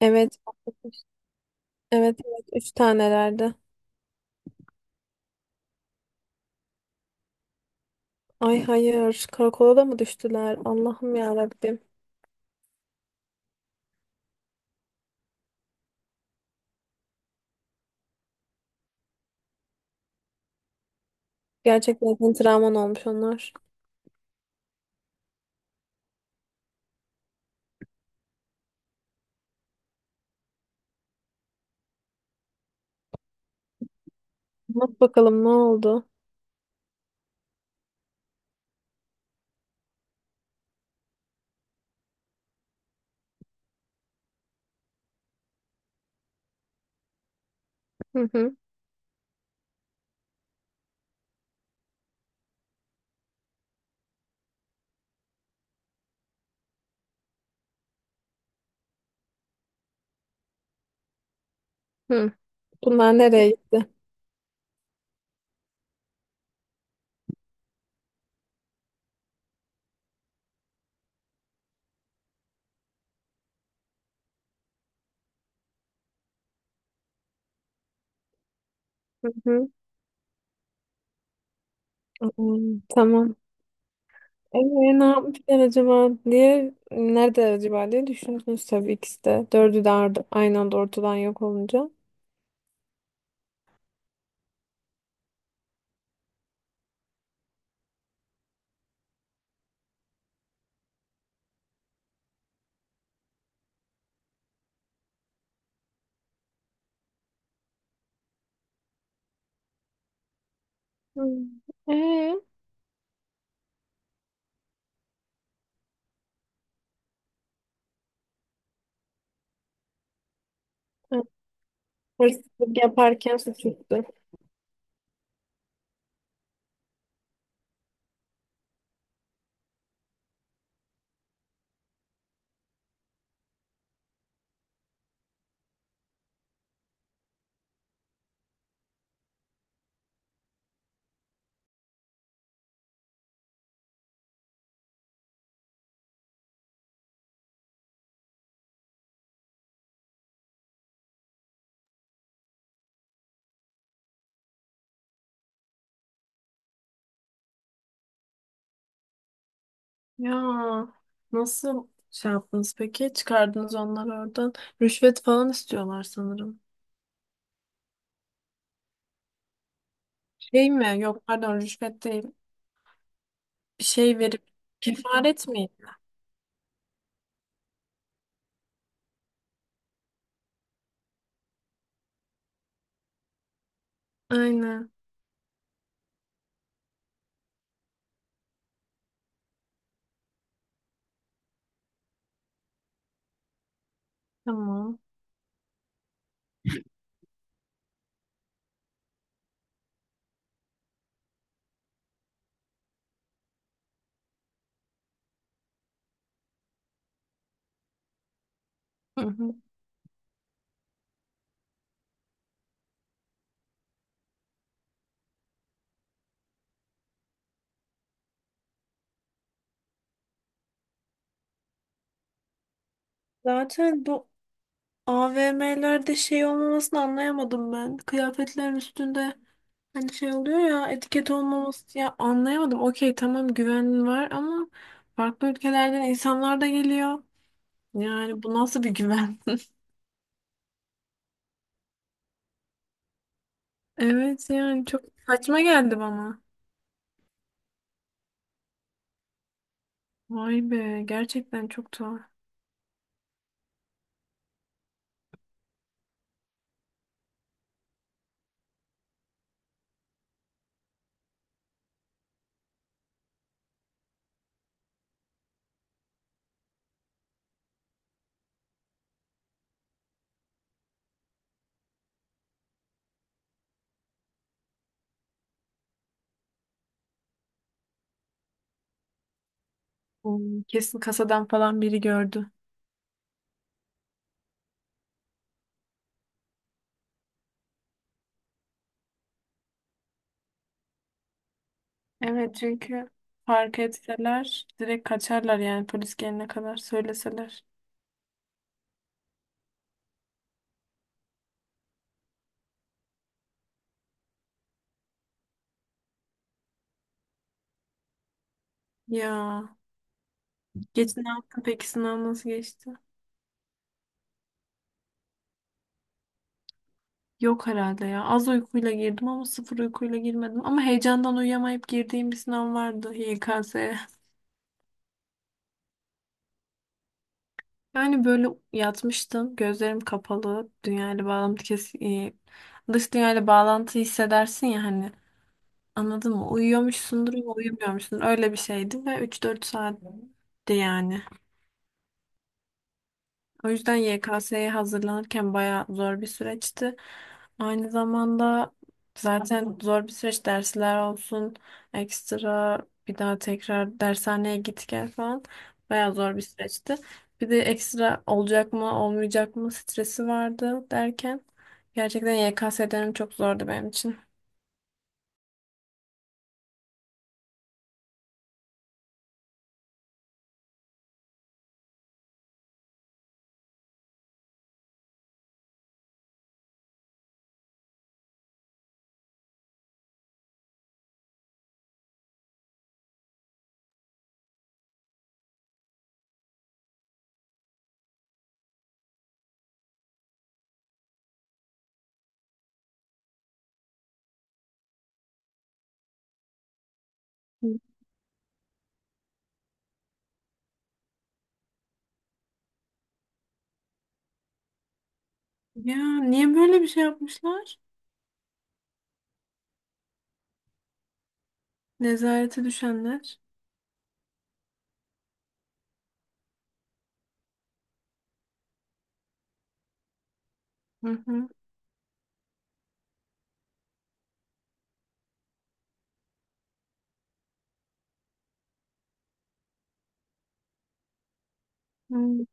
Evet. Evet evet. Üç tanelerdi. Ay hayır. Karakola da mı düştüler? Allah'ım ya Rabbim. Gerçekten senin travman olmuş onlar. Bak bakalım ne oldu? Hı hı. Hı. Bunlar nereye gitti? Hı hı. Hmm, tamam. Ee, Ne yapmışlar acaba diye nerede acaba diye düşündünüz tabii ikisi de. Dördü de aynı anda ortadan yok olunca. Hmm. Ee, Hırsızlık yaparken suçüstü. Ya, nasıl şey yaptınız peki? Çıkardınız onları oradan. Rüşvet falan istiyorlar sanırım. Şey mi? Yok pardon rüşvet değil. Bir şey verip kefaret miydi? Aynen. Tamam. Hı hı. Zaten bu AVM'lerde şey olmamasını anlayamadım ben. Kıyafetlerin üstünde hani şey oluyor ya, etiket olmaması ya, anlayamadım. Okey, tamam, güven var ama farklı ülkelerden insanlar da geliyor. Yani bu nasıl bir güven? Evet yani çok saçma geldi bana. Vay be, gerçekten çok tuhaf. Hmm, kesin kasadan falan biri gördü. Evet, çünkü fark etseler direkt kaçarlar yani polis gelene kadar söyleseler. Ya, geç, ne yaptın peki, sınav nasıl geçti? Yok herhalde ya, az uykuyla girdim ama sıfır uykuyla girmedim. Ama heyecandan uyuyamayıp girdiğim bir sınav vardı, YKS. Yani böyle yatmıştım. Gözlerim kapalı. Dünyayla bağlantı kes dış dünyayla bağlantı hissedersin ya hani. Anladın mı? Uyuyormuşsundur ama uyumuyormuşsun. Öyle bir şeydi ve 3-4 saatti yani. O yüzden YKS'ye hazırlanırken bayağı zor bir süreçti. Aynı zamanda zaten zor bir süreç, dersler olsun, ekstra bir daha tekrar dershaneye git gel falan, bayağı zor bir süreçti. Bir de ekstra olacak mı olmayacak mı stresi vardı derken gerçekten YKS dönemi çok zordu benim için. Ya niye böyle bir şey yapmışlar? Nezarete düşenler. Hı hı. Hı.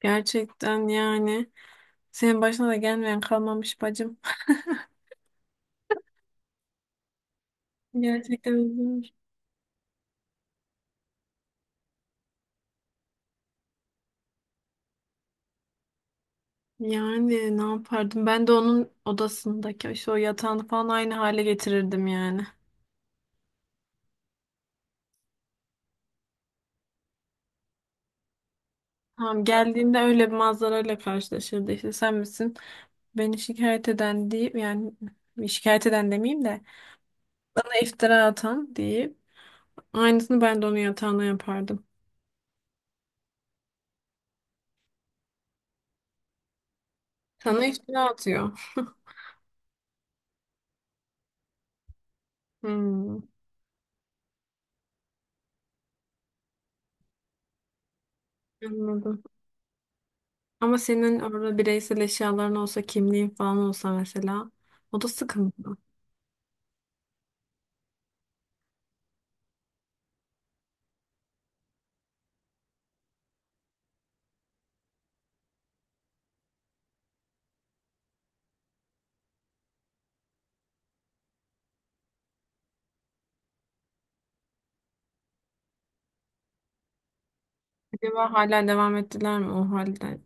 Gerçekten yani. Senin başına da gelmeyen kalmamış bacım. Gerçekten üzülür. Yani ne yapardım? Ben de onun odasındaki işte o yatağını falan aynı hale getirirdim yani. Tamam, geldiğinde öyle bir manzarayla karşılaşırdı işte, sen misin beni şikayet eden deyip, yani şikayet eden demeyeyim de bana iftira atan deyip aynısını ben de onun yatağına yapardım. Sana iftira atıyor. Hmm, anladım. Ama senin orada bireysel eşyaların olsa, kimliğin falan olsa mesela, o da sıkıntı. Acaba hala devam ettiler mi o halde?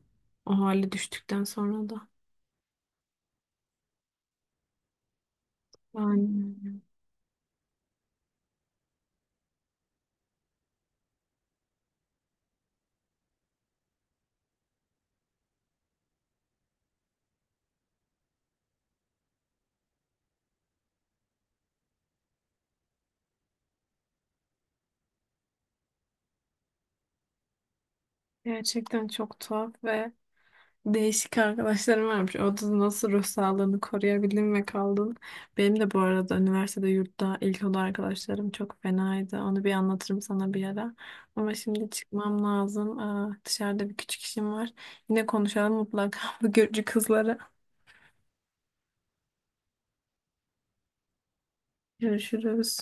O hale düştükten sonra da. Yani gerçekten çok tuhaf ve değişik arkadaşlarım varmış. O da nasıl ruh sağlığını koruyabildin ve kaldın. Benim de bu arada üniversitede yurtta ilk oda arkadaşlarım çok fenaydı. Onu bir anlatırım sana bir ara. Ama şimdi çıkmam lazım. Aa, dışarıda bir küçük işim var. Yine konuşalım mutlaka bu Gürcü kızlara. Görüşürüz.